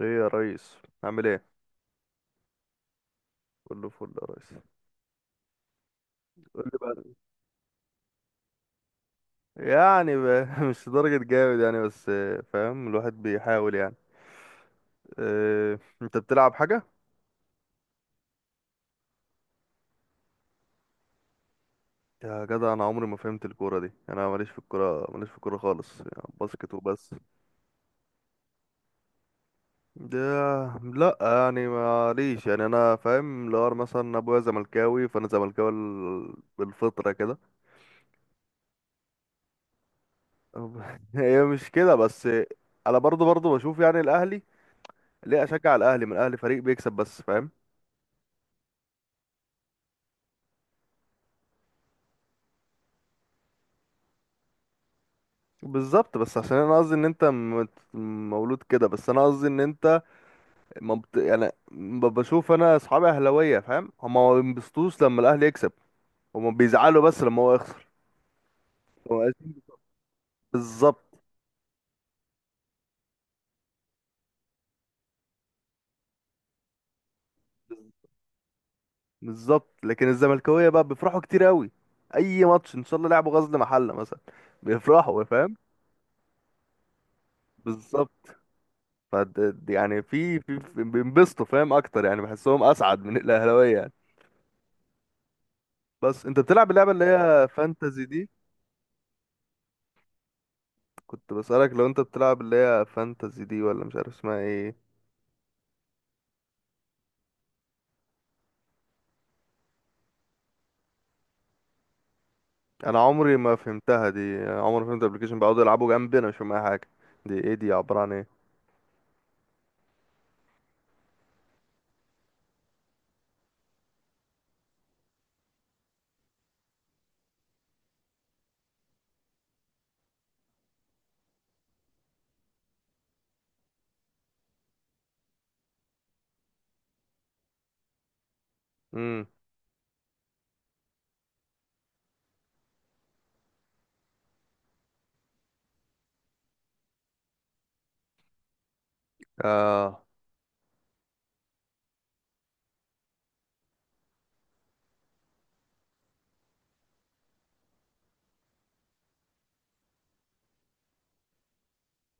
ايه يا ريس، عامل ايه؟ كله فل يا ريس. قول لي بقى. يعني بقى مش لدرجة جامد يعني، بس فاهم، الواحد بيحاول يعني. اه، انت بتلعب حاجة؟ يا جدع، انا عمري ما فهمت الكورة دي، انا ماليش في الكورة، ماليش في الكورة خالص، يعني باسكت وبس. ده لا يعني ماليش، يعني انا فاهم، لو أنا مثلا ابويا زملكاوي فانا زملكاوي بالفطرة كده. هي مش كده بس. انا برضو بشوف يعني الاهلي. ليه اشجع الاهلي؟ من الاهلي فريق بيكسب، بس فاهم. بالظبط، بس عشان انا قصدي ان انت مولود كده، بس انا قصدي ان انت ما بت... يعني ب- بشوف، انا اصحابي اهلاويه، فاهم، هما ما بينبسطوش لما الاهلي يكسب، هما بيزعلوا بس لما هو يخسر. هما قاسيين. بالظبط. بالظبط، لكن الزملكاويه بقى بيفرحوا كتير قوي. اي ماتش، ان شاء الله لعبوا غزل محله مثلا، بيفرحوا، فاهم. بالظبط. فد... يعني في في في- بينبسطوا، فاهم اكتر، يعني بحسهم اسعد من الاهلاويه يعني. بس انت بتلعب اللعبه اللي هي فانتزي دي؟ كنت بسألك لو انت بتلعب اللي هي فانتزي دي، ولا مش عارف اسمها ايه. انا عمري ما فهمتها دي. عمري ما فهمت الابلكيشن، بيقعدوا يلعبوا جنبي انا مش فاهم اي حاجه. دي ايه؟ دي عباره عن ايه؟ امم. اه.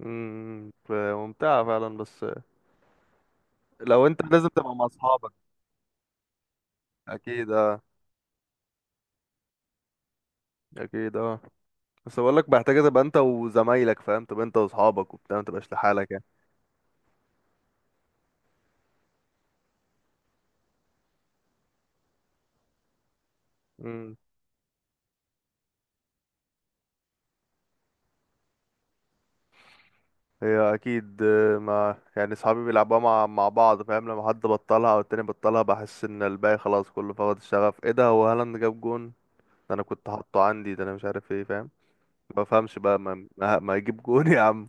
ممتعه فعلا، بس لو انت لازم تبقى مع اصحابك. اكيد، اه. اكيد، اه. بس بقول لك محتاجه تبقى انت وزمايلك، فاهم، تبقى انت واصحابك وبتاع، ما تبقاش لحالك يعني. هي اكيد، ما يعني صحابي بيلعبوها مع بعض، فاهم. لما حد بطلها او التاني بطلها، بحس ان الباقي خلاص كله فقد الشغف. ايه ده؟ هو هالاند جاب جون؟ ده انا كنت حاطه عندي، ده انا مش عارف ايه، فاهم. ما بفهمش بقى، ما يجيب جون يا عم.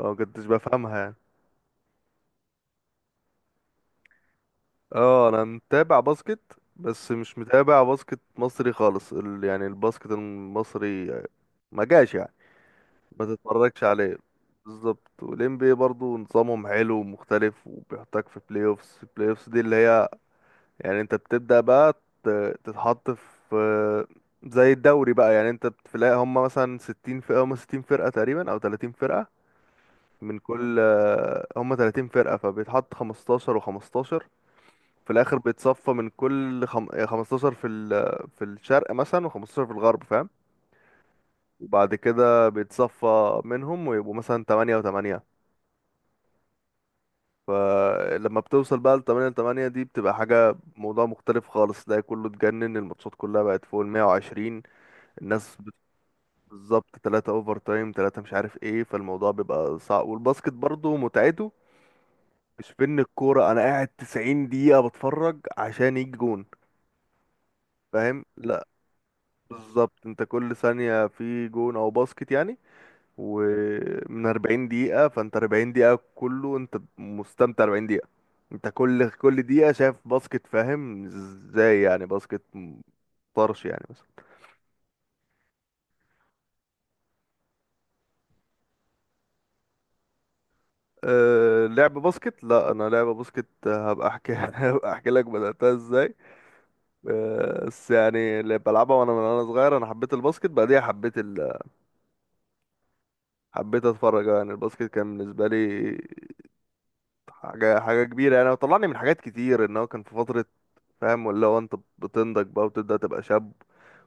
أنا ما كنتش بفهمها يعني. اه، انا متابع باسكت، بس مش متابع باسكت مصري خالص. يعني الباسكت المصري ما جاش يعني. ما تتفرجش عليه. بالظبط. والان بي برضه نظامهم حلو ومختلف، وبيحطك في بلاي اوفس. البلاي اوفس دي اللي هي يعني انت بتبدأ بقى تتحط في، زي الدوري بقى. يعني انت بتلاقي هم مثلا ستين فرقة، هم ستين فرقة تقريبا، او تلاتين فرقة. من كل، هم تلاتين فرقة، فبيتحط خمستاشر وخمستاشر. في الآخر بيتصفى من كل خمستاشر في الشرق مثلا، وخمستاشر في الغرب، فاهم. وبعد كده بيتصفى منهم، ويبقوا مثلا تمانية وتمانية. فلما بتوصل بقى لتمانية وتمانية دي، بتبقى حاجة، موضوع مختلف خالص. ده كله اتجنن، الماتشات كلها بقت فوق المية وعشرين. الناس بت- بالظبط، تلاتة اوفر تايم، تلاتة مش عارف ايه، فالموضوع بيبقى صعب. والباسكت برضو متعته مش في ان الكورة انا قاعد 90 دقيقة بتفرج عشان يجي جون، فاهم، لا. بالظبط، انت كل ثانية في جون او باسكت يعني. ومن 40 دقيقة، فانت 40 دقيقة كله انت مستمتع، 40 دقيقة انت كل دقيقة شايف باسكت، فاهم ازاي يعني. باسكت طرش يعني. أه، لعب باسكت، لا انا لعب باسكت، هبقى احكي هبقى احكي لك بدأتها ازاي. بس يعني اللي بلعبها وانا من وانا صغير، انا حبيت الباسكت، بعديها حبيت حبيت اتفرج، يعني الباسكت كان بالنسبه لي حاجه كبيره يعني، وطلعني من حاجات كتير. ان هو كان في فتره، فاهم، ولا هو انت بتنضج بقى وتبدأ تبقى شاب،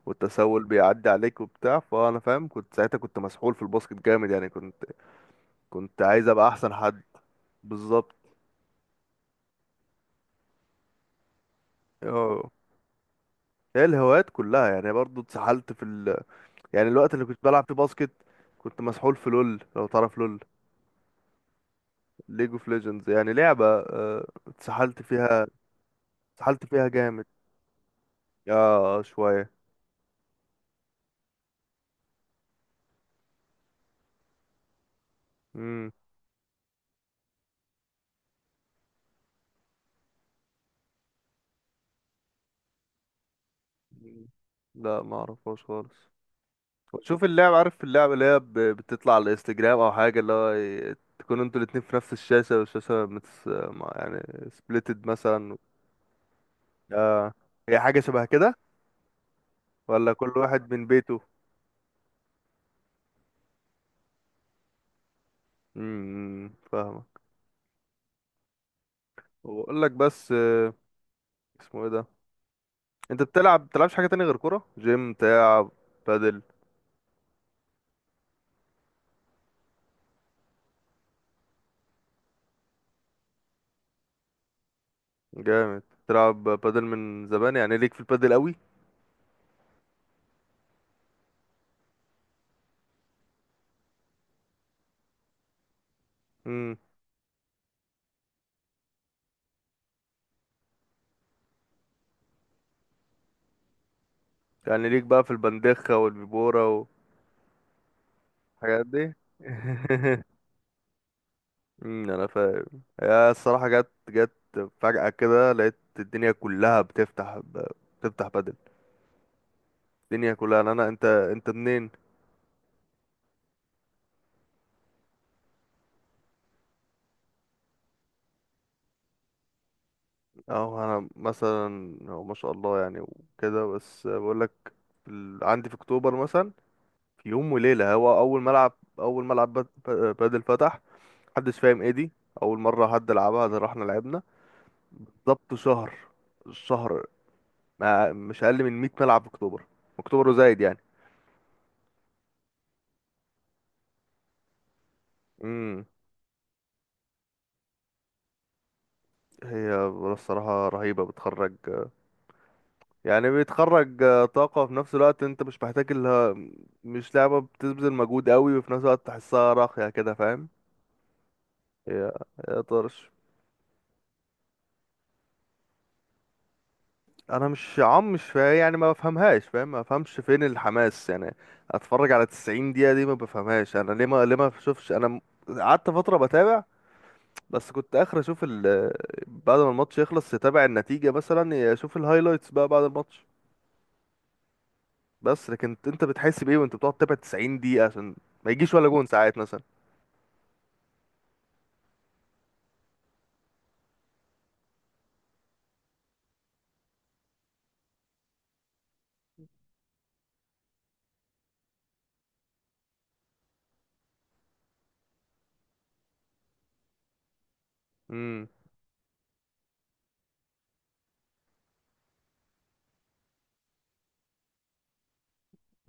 والتسول بيعدي عليك وبتاع، فانا فاهم كنت ساعتها، كنت مسحول في الباسكت جامد يعني، كنت عايز ابقى احسن حد. بالظبط. اه، هي الهوايات كلها يعني برضو اتسحلت في يعني الوقت اللي كنت بلعب فيه باسكت، كنت مسحول في لول، لو تعرف لول، ليج اوف ليجندز، يعني لعبة اتسحلت فيها. اتسحلت فيها جامد. اه، شوية. امم. لا، ما اعرفهاش خالص. شوف اللعبة، عارف اللعبة اللي هي بتطلع على الانستجرام او حاجة، اللي هو تكونوا انتوا الاتنين في نفس الشاشة، والشاشة متس... ما- يعني سبليتد مثلا. اه، هي حاجة شبه كده، ولا كل واحد من بيته؟ امم. فاهمك. واقول لك بس، اسمه ايه ده؟ انت بتلعب، بتلعبش حاجه تانية غير كوره، جيم، بتاع؟ بادل. جامد، بتلعب بادل من زمان يعني، ليك في البادل قوي. امم. يعني ليك بقى في البندخه والبيبوره والحاجات دي انا فاهم. هي الصراحه جت جت فجاه كده، لقيت الدنيا كلها بتفتح بتفتح بادل، الدنيا كلها. انت منين؟ اه، انا مثلا هو ما شاء الله يعني وكده، بس بقول لك عندي في اكتوبر مثلا، في يوم وليلة، هو أول ملعب، أول ملعب بادل فتح، محدش فاهم ايه دي، أول مرة حد لعبها، ده رحنا لعبنا. بالظبط، شهر شهر، ما مش أقل من 100 ملعب في أكتوبر. أكتوبر وزايد يعني. امم هي الصراحة رهيبة، بتخرج يعني، بتخرج طاقة. في نفس الوقت انت مش محتاج اللي، مش لعبة بتبذل مجهود قوي، وفي نفس الوقت تحسها راقية كده، فاهم. هي، هي طرش. انا مش عم مش فا يعني ما بفهمهاش، فاهم، ما بفهمش فين الحماس يعني. اتفرج على 90 دقيقة دي، ما بفهمهاش انا ليه ما بشوفش انا قعدت فترة بتابع، بس كنت اخر اشوف ال، بعد ما الماتش يخلص يتابع النتيجة مثلا، اشوف الهايلايتس بقى بعد الماتش. بس لكن انت، بتحس بايه وانت بتقعد تتابع 90 دقيقة، عشان ما يجيش ولا جون ساعات مثلا. امم.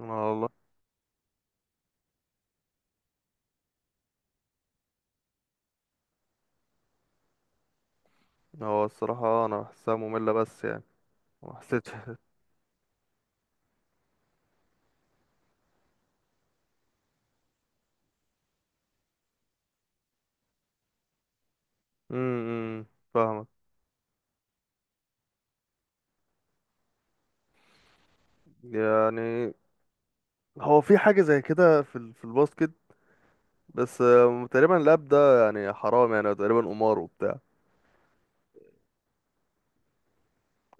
انا والله. هو الصراحة انا بحسها مملة، بس يعني ما حسيتش. امم. فاهمك. يعني هو في حاجة زي كده في في الباسكت، بس تقريبا اللعب ده يعني حرام يعني، تقريبا قمار وبتاع.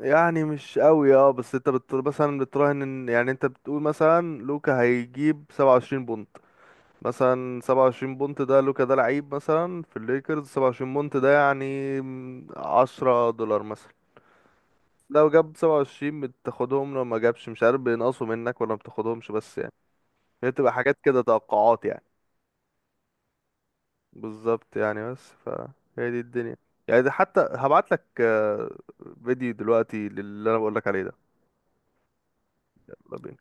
يعني مش قوي. اه، بس انت مثلا بتراهن ان يعني، انت بتقول مثلا لوكا هيجيب 27 بونت، مثلا 27 بونت ده، لوكا ده لعيب مثلا في الليكرز، 27 بونت ده يعني 10 دولار مثلا. لو جاب 27 بتاخدهم، لو ما جابش مش عارف بينقصوا منك ولا ما بتاخدهمش، بس يعني هي بتبقى حاجات كده، توقعات يعني. بالظبط يعني، بس فهي دي الدنيا. يعني ده حتى هبعت لك فيديو دلوقتي للي انا بقول لك عليه ده. يلا بينا.